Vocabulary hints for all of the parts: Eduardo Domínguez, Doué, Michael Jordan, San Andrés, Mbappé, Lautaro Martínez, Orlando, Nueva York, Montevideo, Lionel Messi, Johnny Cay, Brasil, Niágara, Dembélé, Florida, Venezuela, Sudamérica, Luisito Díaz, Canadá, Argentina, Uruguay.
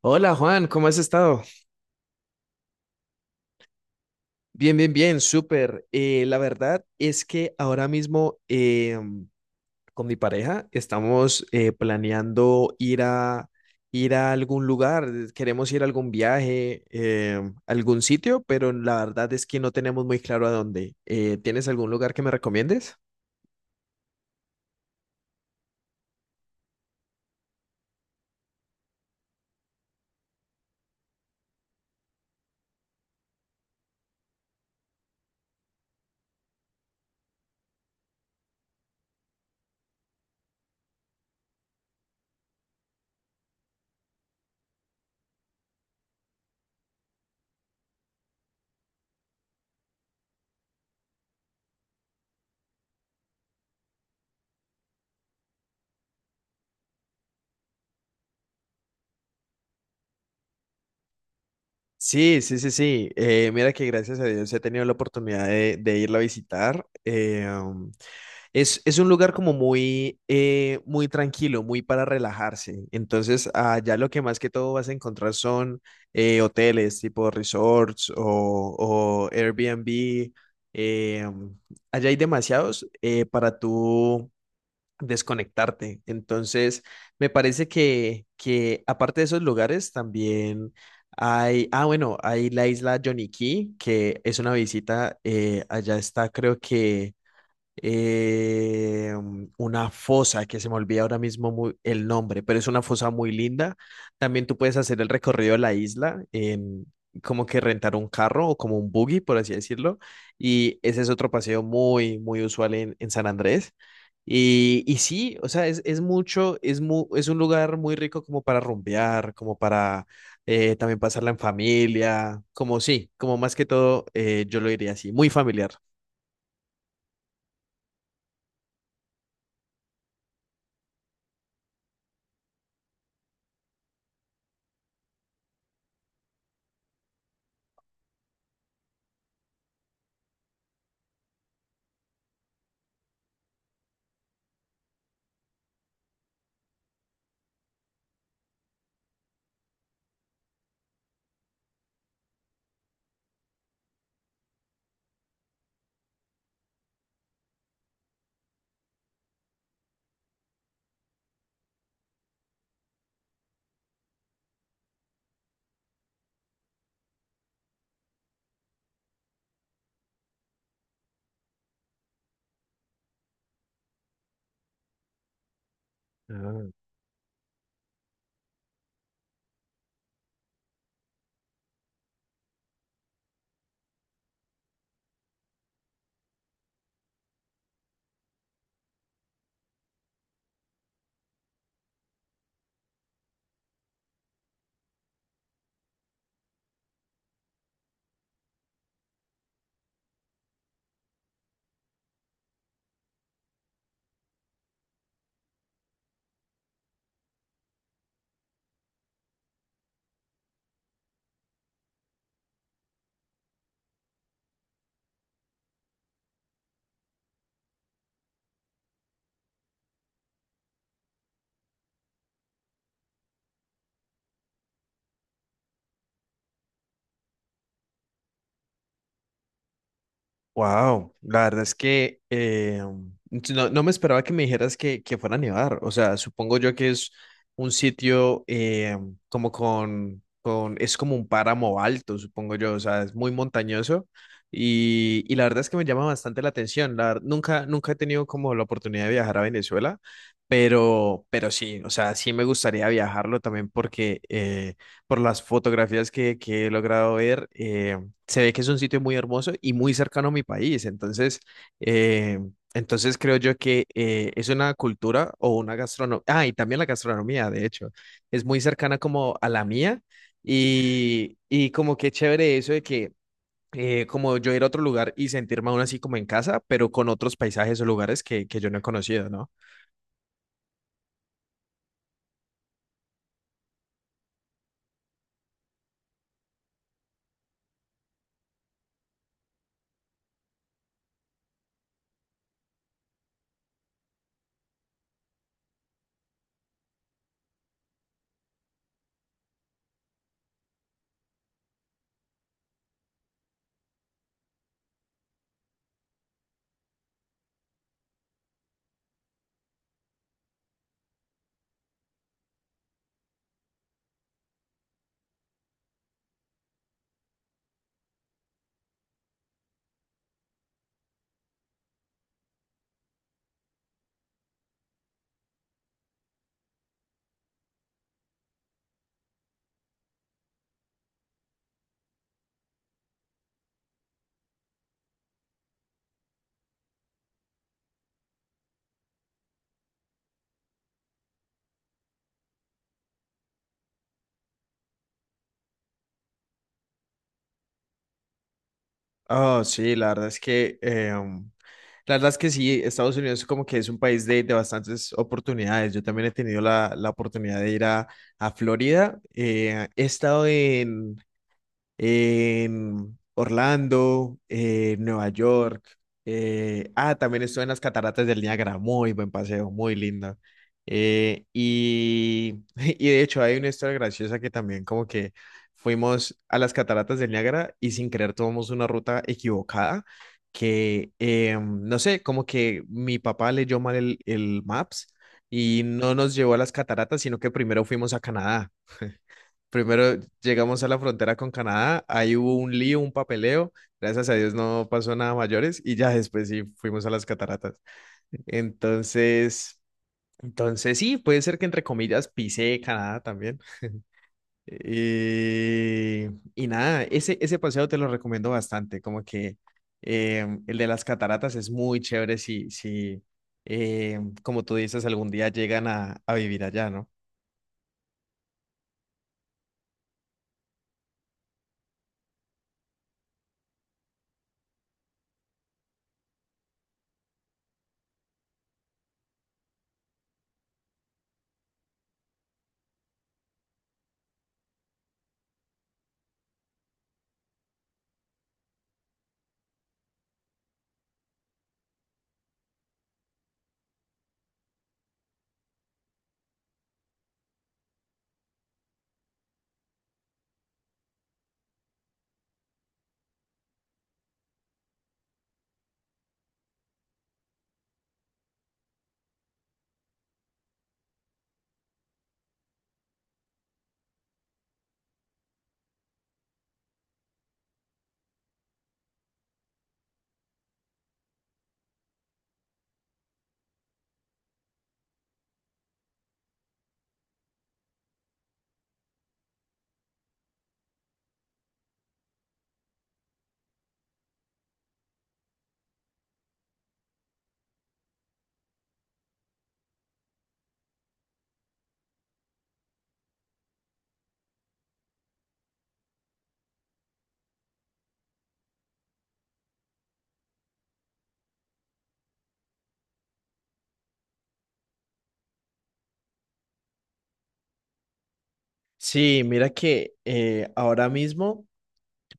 Hola Juan, ¿cómo has estado? Bien, bien, bien, súper. La verdad es que ahora mismo con mi pareja estamos planeando ir a algún lugar, queremos ir a algún viaje, algún sitio, pero la verdad es que no tenemos muy claro a dónde. ¿tienes algún lugar que me recomiendes? Sí, sí, sí, sí. Mira que gracias a Dios he tenido la oportunidad de irla a visitar. Es un lugar como muy tranquilo, muy para relajarse. Entonces, allá lo que más que todo vas a encontrar son hoteles tipo resorts o Airbnb. eh, Allá hay demasiados para tú desconectarte. Entonces, me parece que aparte de esos lugares, también hay la isla Johnny Cay, que es una visita, allá está, creo que una fosa que se me olvida ahora mismo el nombre, pero es una fosa muy linda. También tú puedes hacer el recorrido de la isla en como que rentar un carro o como un buggy, por así decirlo. Y ese es otro paseo muy, muy usual en San Andrés. Y sí, o sea, es mucho, es un lugar muy rico como para rumbear, como para también pasarla en familia, como sí, como más que todo, yo lo diría así, muy familiar. Ah. Wow, la verdad es que si no me esperaba que me dijeras que fuera a nevar. O sea, supongo yo que es un sitio como con, es como un páramo alto, supongo yo. O sea, es muy montañoso y la verdad es que me llama bastante la atención. Nunca, nunca he tenido como la oportunidad de viajar a Venezuela, pero sí, o sea, sí me gustaría viajarlo también porque por las fotografías que he logrado ver. Se ve que es un sitio muy hermoso y muy cercano a mi país. Entonces, eh, entonces creo yo que es una cultura o una gastronomía. Ah, y también la gastronomía, de hecho, es muy cercana como a la mía. Y como que chévere eso de que como yo ir a otro lugar y sentirme aún así como en casa, pero con otros paisajes o lugares que yo no he conocido, ¿no? Oh, sí, la verdad es que la verdad es que sí, Estados Unidos como que es un país de bastantes oportunidades. Yo también he tenido la oportunidad a Florida. He estado en Orlando, Nueva York. También estuve en las cataratas del Niágara, muy buen paseo, muy lindo. De hecho hay una historia graciosa que también como que fuimos a las cataratas del Niágara y sin querer tomamos una ruta equivocada no sé, como que mi papá leyó mal el Maps y no nos llevó a las cataratas, sino que primero fuimos a Canadá. Primero llegamos a la frontera con Canadá, ahí hubo un lío, un papeleo, gracias a Dios no pasó nada mayores y ya después sí fuimos a las cataratas. Entonces, entonces sí, puede ser que entre comillas pisé Canadá también. Y, y nada, ese paseo te lo recomiendo bastante, como que el de las cataratas es muy chévere si como tú dices, algún día llegan a vivir allá, ¿no? Sí, mira que ahora mismo.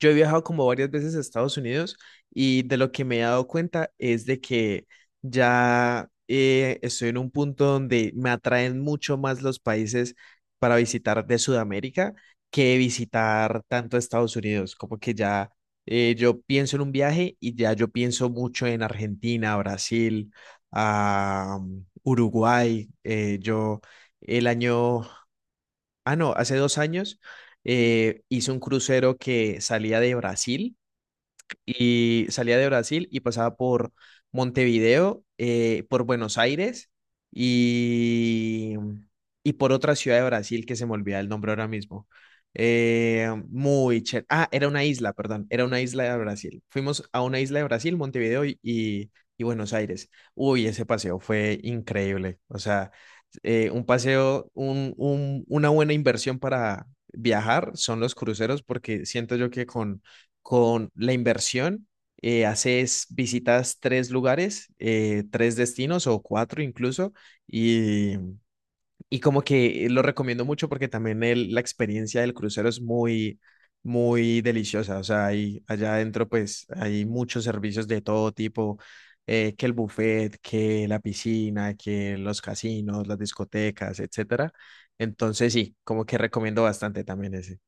Yo he viajado como varias veces a Estados Unidos y de lo que me he dado cuenta es de que ya estoy en un punto donde me atraen mucho más los países para visitar de Sudamérica que visitar tanto Estados Unidos. Como que ya yo pienso en un viaje y ya yo pienso mucho en Argentina, Brasil, ah, Uruguay. Yo el año. Ah, no, hace dos años hice un crucero que salía de Brasil y salía de Brasil y pasaba por Montevideo, por Buenos Aires y, y por otra ciudad de Brasil que se me olvida el nombre ahora mismo. Muy chévere. Ah, era una isla, perdón, era una isla de Brasil. Fuimos a una isla de Brasil, Montevideo y Buenos Aires. Uy, ese paseo fue increíble. O sea, un paseo, una buena inversión para viajar son los cruceros porque siento yo que con la inversión, haces visitas tres lugares, tres destinos o cuatro incluso, y, y como que lo recomiendo mucho porque también la experiencia del crucero es muy, muy deliciosa. O sea, hay, allá adentro pues hay muchos servicios de todo tipo, que el buffet, que la piscina, que los casinos, las discotecas, etcétera. Entonces sí, como que recomiendo bastante también ese.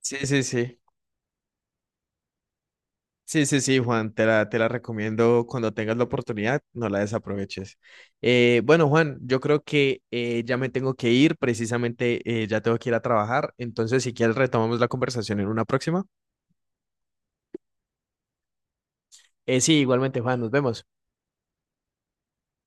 Sí, sí, sí. Sí, sí, sí, Juan, te la recomiendo cuando tengas la oportunidad, no la desaproveches. Bueno, Juan, yo creo que ya me tengo que ir, precisamente ya tengo que ir a trabajar, entonces si quieres retomamos la conversación en una próxima. Sí, igualmente, Juan, nos vemos.